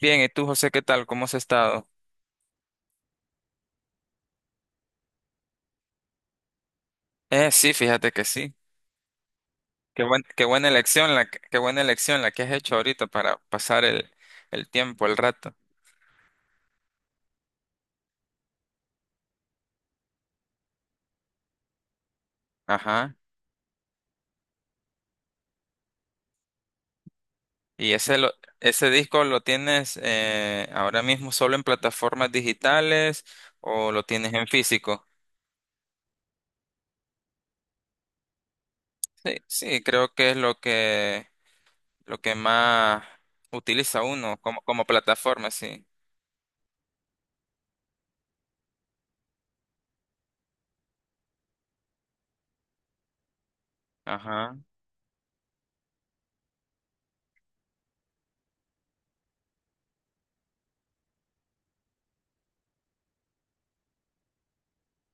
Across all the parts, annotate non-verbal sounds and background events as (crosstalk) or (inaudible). Bien, ¿y tú, José, qué tal? ¿Cómo has estado? Sí, fíjate que sí. Qué buena qué buena elección la que has hecho ahorita para pasar el tiempo, el rato. Ajá. Y ese lo- Ese disco lo tienes ahora mismo solo en plataformas digitales o lo tienes en físico. Sí, sí, creo que es lo que más utiliza uno como plataforma, sí. Ajá.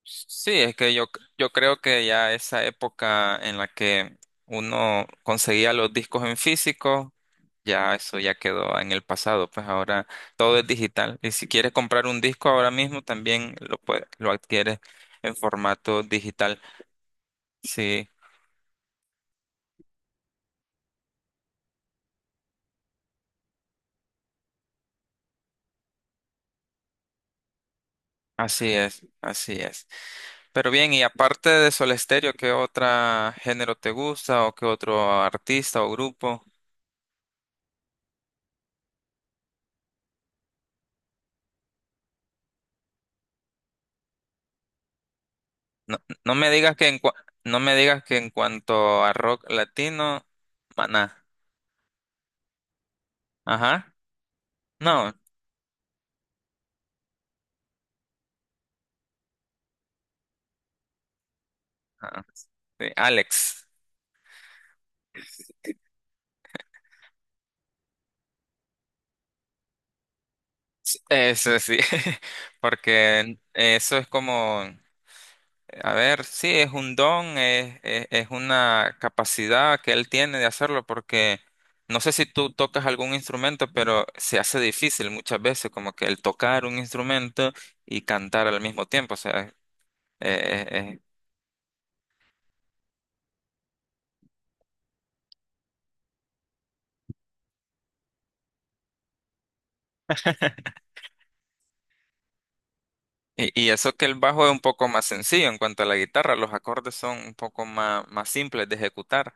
Sí, es que yo creo que ya esa época en la que uno conseguía los discos en físico, ya eso ya quedó en el pasado, pues ahora todo es digital. Y si quieres comprar un disco ahora mismo, también lo puedes, lo adquieres en formato digital. Sí, así es, así es. Pero bien, y aparte de Soda Stereo, ¿qué otro género te gusta o qué otro artista o grupo? No, no me digas que en, cua- no me digas que en cuanto a rock latino, Maná. Ajá. No. Ah, sí, Alex. Sí, eso sí. (laughs) Porque eso es como, a ver, sí, es un don, es una capacidad que él tiene de hacerlo porque no sé si tú tocas algún instrumento, pero se hace difícil muchas veces como que el tocar un instrumento y cantar al mismo tiempo. O sea, eh, y eso que el bajo es un poco más sencillo en cuanto a la guitarra, los acordes son un poco más, más simples de ejecutar.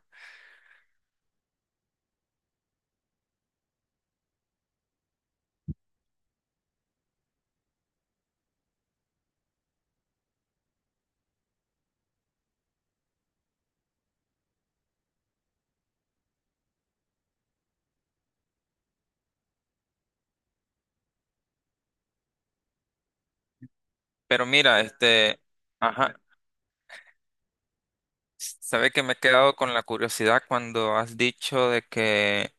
Pero mira, ajá, sabe que me he quedado con la curiosidad cuando has dicho de que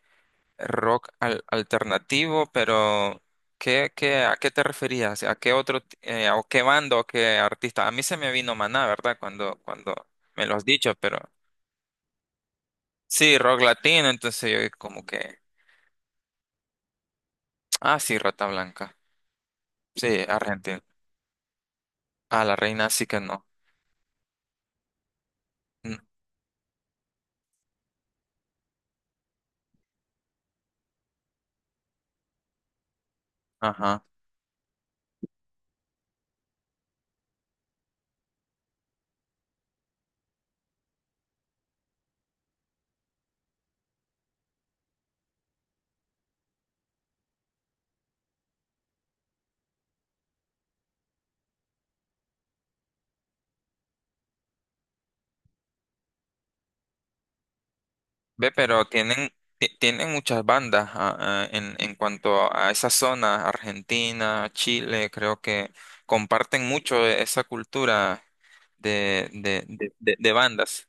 rock alternativo, pero ¿a qué te referías? ¿A qué o qué banda o qué artista? A mí se me vino Maná, ¿verdad? Cuando me lo has dicho, pero sí, rock latino, entonces yo como que, ah, sí, Rata Blanca, sí, argentino. A la reina sí que no. Mm. Ajá. Ve, pero tienen, tienen muchas bandas en cuanto a esa zona, Argentina, Chile, creo que comparten mucho esa cultura de bandas.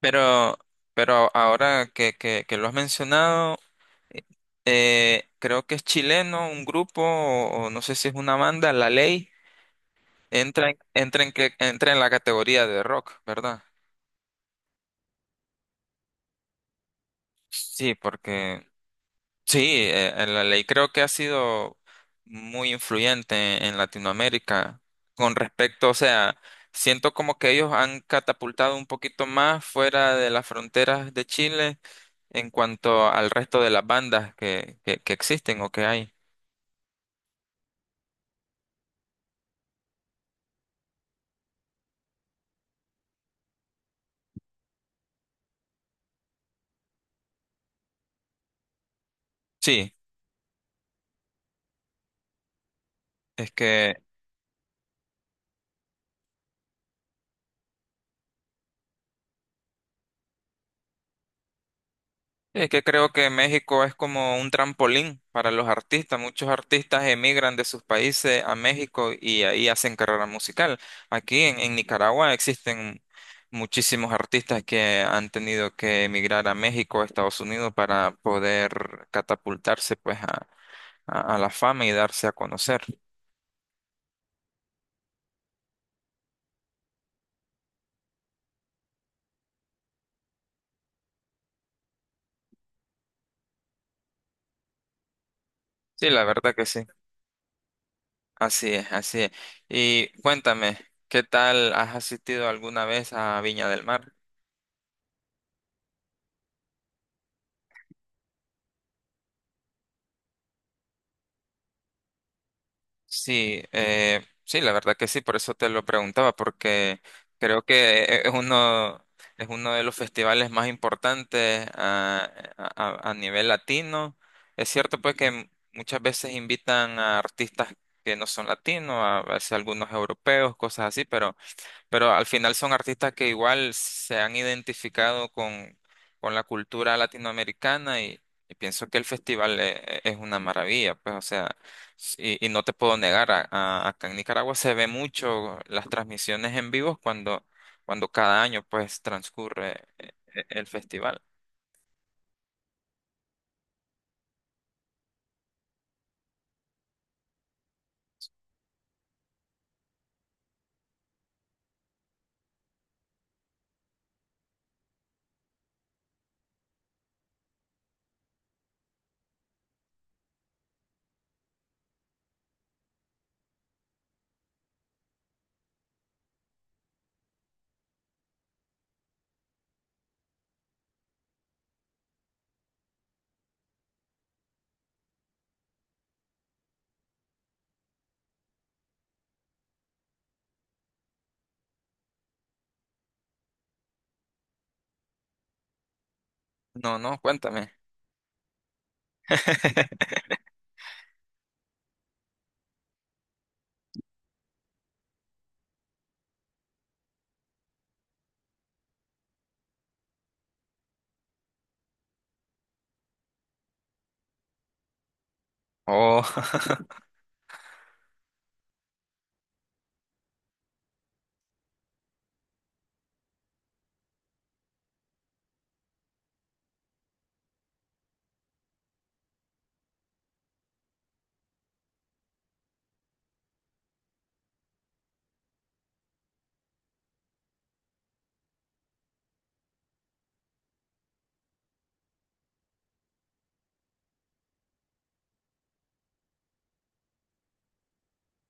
Pero, pero ahora que, que lo has mencionado, eh, creo que es chileno, un grupo, o no sé si es una banda, La Ley, entra en la categoría de rock, ¿verdad? Sí, porque sí, la ley creo que ha sido muy influyente en Latinoamérica con respecto, o sea, siento como que ellos han catapultado un poquito más fuera de las fronteras de Chile en cuanto al resto de las bandas que existen o que hay. Sí, es que es que creo que México es como un trampolín para los artistas. Muchos artistas emigran de sus países a México y ahí hacen carrera musical. Aquí en Nicaragua existen muchísimos artistas que han tenido que emigrar a México o Estados Unidos para poder catapultarse pues a la fama y darse a conocer. Sí, la verdad que sí. Así es, así es. Y cuéntame, ¿qué tal has asistido alguna vez a Viña del Mar? Sí, sí, la verdad que sí, por eso te lo preguntaba, porque creo que es uno de los festivales más importantes a nivel latino. Es cierto pues que muchas veces invitan a artistas que no son latinos, a veces algunos europeos, cosas así, pero al final son artistas que igual se han identificado con la cultura latinoamericana y pienso que el festival es una maravilla, pues, o sea, y no te puedo negar, acá en Nicaragua se ve mucho las transmisiones en vivo cuando cada año pues transcurre el festival. No, no, cuéntame. (laughs) Oh, (laughs)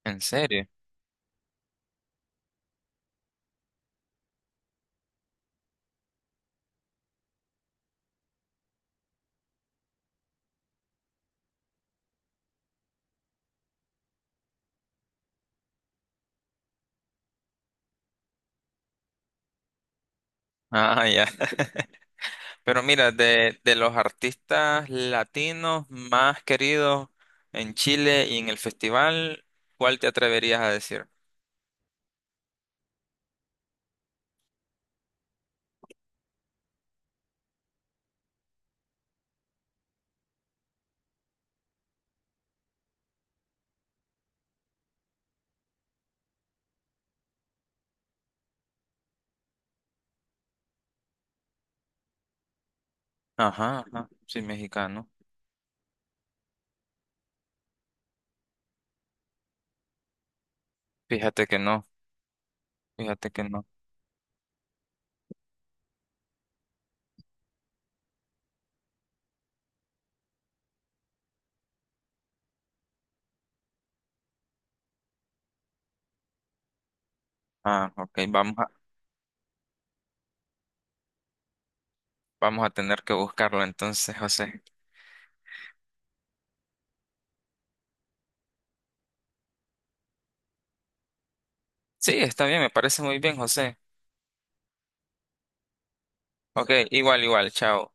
¿en serio? Ah, ya. (laughs) Pero mira, de los artistas latinos más queridos en Chile y en el festival, ¿cuál te atreverías a decir? Ajá, ajá, sí, mexicano. Fíjate que no, fíjate que no. Ah, ok, vamos a, vamos a tener que buscarlo entonces, José. Sí, está bien, me parece muy bien, José. Ok, igual, igual, chao.